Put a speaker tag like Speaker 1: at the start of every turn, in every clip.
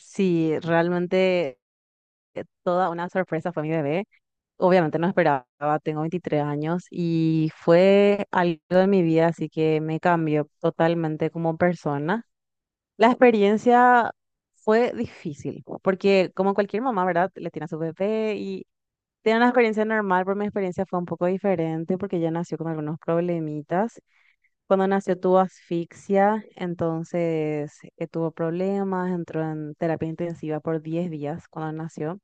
Speaker 1: Sí, realmente toda una sorpresa fue mi bebé. Obviamente no esperaba, tengo 23 años y fue algo de mi vida, así que me cambió totalmente como persona. La experiencia fue difícil, porque como cualquier mamá, ¿verdad? Le tiene a su bebé y tiene una experiencia normal, pero mi experiencia fue un poco diferente porque ella nació con algunos problemitas cuando nació tuvo asfixia, entonces tuvo problemas, entró en terapia intensiva por 10 días cuando nació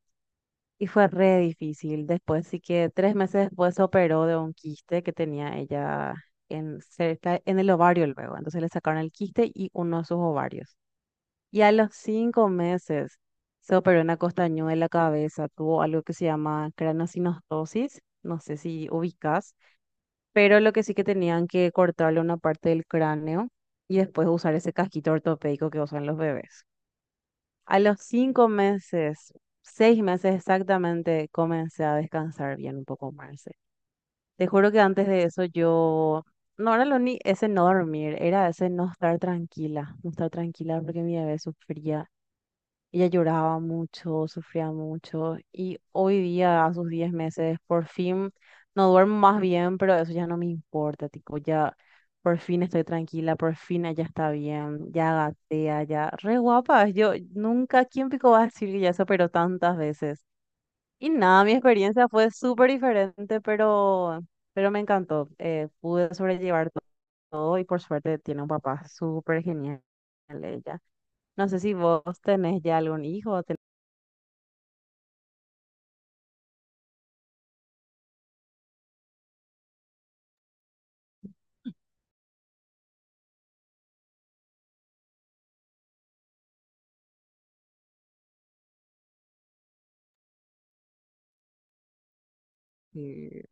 Speaker 1: y fue re difícil. Después, sí que 3 meses después se operó de un quiste que tenía ella en, cerca, en el ovario luego. Entonces le sacaron el quiste y uno de sus ovarios. Y a los 5 meses se operó una costañuela en la cabeza, tuvo algo que se llama craneosinostosis, no sé si ubicas, pero lo que sí que tenían que cortarle una parte del cráneo y después usar ese casquito ortopédico que usan los bebés. A los 5 meses, 6 meses exactamente, comencé a descansar bien un poco más. Te juro que antes de eso yo no era lo ni ese no dormir, era ese no estar tranquila, no estar tranquila porque mi bebé sufría, ella lloraba mucho, sufría mucho y hoy día, a sus 10 meses, por fin no duermo más bien, pero eso ya no me importa, tipo, ya por fin estoy tranquila, por fin ella está bien, ya gatea, ya re guapa. Yo nunca, ¿quién pico va a decir que ya se operó tantas veces? Y nada, mi experiencia fue súper diferente, pero me encantó. Pude sobrellevar todo y por suerte tiene un papá súper genial ella. No sé si vos tenés ya algún hijo. Sí,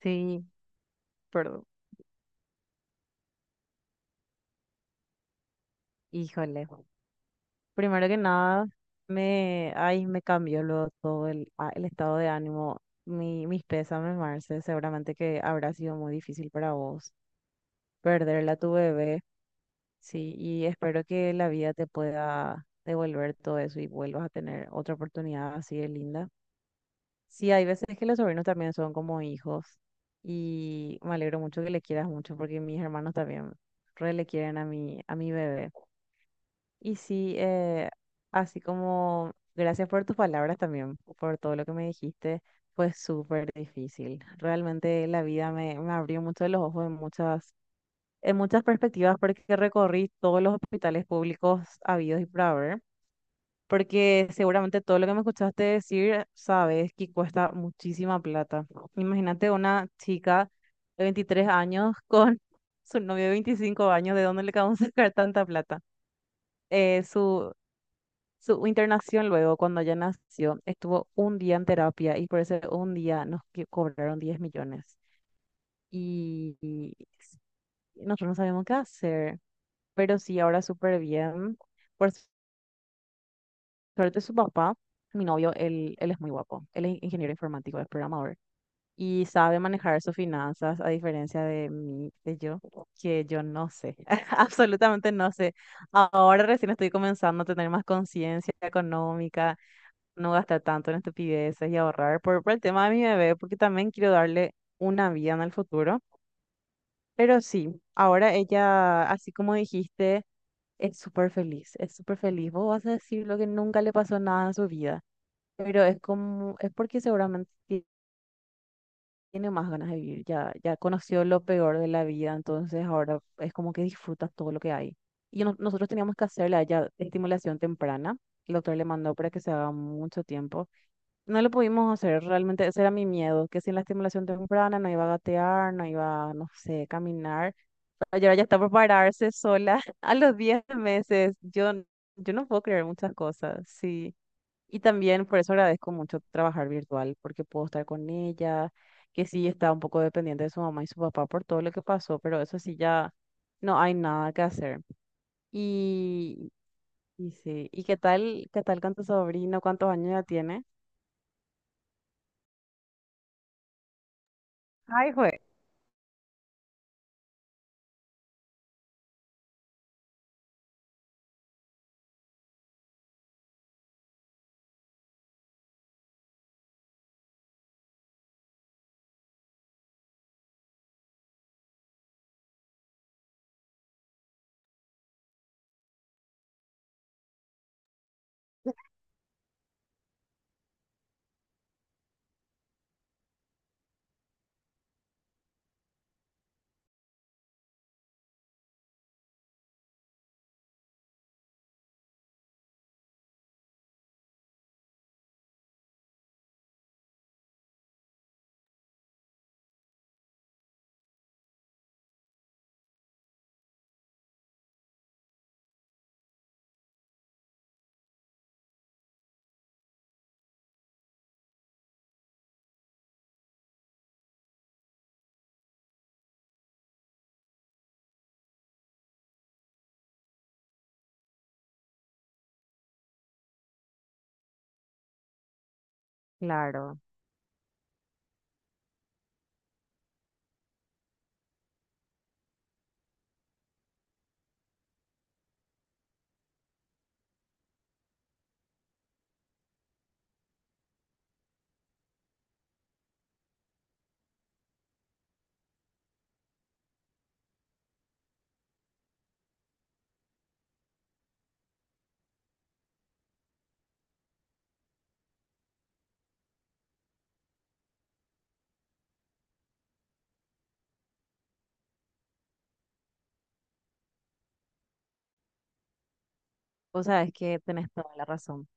Speaker 1: sí, perdón. Híjole. Primero que nada, ay, me cambió luego todo el, el estado de ánimo. Mis pésames, Marce. Seguramente que habrá sido muy difícil para vos perderla a tu bebé. Sí, y espero que la vida te pueda devolver todo eso y vuelvas a tener otra oportunidad así de linda. Sí, hay veces que los sobrinos también son como hijos y me alegro mucho que le quieras mucho porque mis hermanos también re le quieren a mi bebé. Y sí, así como gracias por tus palabras también, por todo lo que me dijiste, fue súper difícil. Realmente la vida me abrió mucho los ojos en muchas perspectivas porque recorrí todos los hospitales públicos habidos y por haber, porque seguramente todo lo que me escuchaste decir, sabes que cuesta muchísima plata. Imagínate una chica de 23 años con su novio de 25 años, ¿de dónde le acabamos de sacar tanta plata? eh, su su internación luego, cuando ella nació, estuvo un día en terapia y por ese un día nos cobraron 10 millones. Y, y s- Nosotros no sabemos qué hacer, pero sí, ahora súper bien. Por suerte, su papá, mi novio, él es muy guapo. Él es ingeniero informático, es programador y sabe manejar sus finanzas, a diferencia de mí, de yo, que yo no sé, absolutamente no sé. Ahora recién estoy comenzando a tener más conciencia económica, no gastar tanto en estupideces y ahorrar por el tema de mi bebé, porque también quiero darle una vida en el futuro. Pero sí, ahora ella, así como dijiste, es súper feliz, es súper feliz. Vos vas a decir lo que nunca le pasó nada en su vida, pero es como, es porque seguramente tiene más ganas de vivir, ya, ya conoció lo peor de la vida, entonces ahora es como que disfruta todo lo que hay. Y nosotros teníamos que hacerle a ella estimulación temprana. El doctor le mandó para que se haga mucho tiempo. No lo pudimos hacer, realmente ese era mi miedo, que sin la estimulación temprana no iba a gatear, no iba, no sé, caminar. Ayer ya está por pararse sola a los 10 meses. Yo no puedo creer muchas cosas, sí. Y también por eso agradezco mucho trabajar virtual, porque puedo estar con ella, que sí está un poco dependiente de su mamá y su papá por todo lo que pasó, pero eso sí ya no hay nada que hacer. Y, y sí, ¿y qué tal con tu sobrino? ¿Cuántos años ya tiene? Ay, fue. Claro. O sea, es que tenés toda la razón.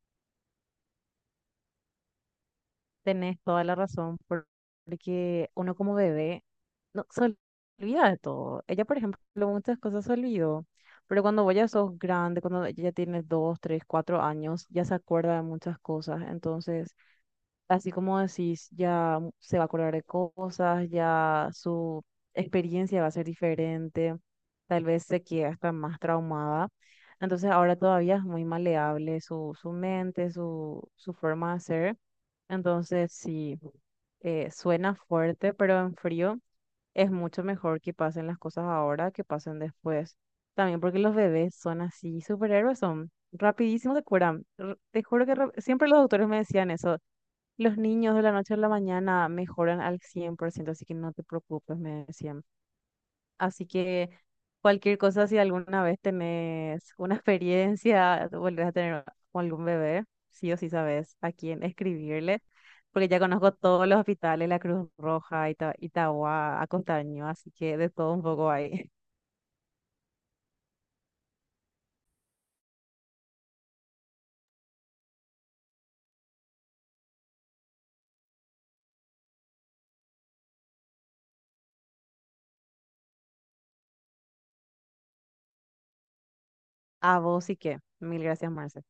Speaker 1: Tenés toda la razón porque uno como bebé no se olvida de todo. Ella, por ejemplo, muchas cosas se olvidó, pero cuando vos ya sos grande, cuando ella ya tienes 2, 3, 4 años, ya se acuerda de muchas cosas. Entonces, así como decís, ya se va a acordar de cosas, ya su experiencia va a ser diferente, tal vez se quede hasta más traumada. Entonces ahora todavía es muy maleable su mente, su forma de ser. Entonces sí, suena fuerte, pero en frío es mucho mejor que pasen las cosas ahora que pasen después. También porque los bebés son así, superhéroes son, rapidísimo se curan. Te juro que siempre los doctores me decían eso. Los niños de la noche a la mañana mejoran al 100%, así que no te preocupes, me decían. Así que cualquier cosa, si alguna vez tenés una experiencia, volvés a tener con algún bebé, sí o sí sabes a quién escribirle, porque ya conozco todos los hospitales, la Cruz Roja, Ita- Itagua, Acostaño, así que de todo un poco ahí. A vos y que. Mil gracias, Marce.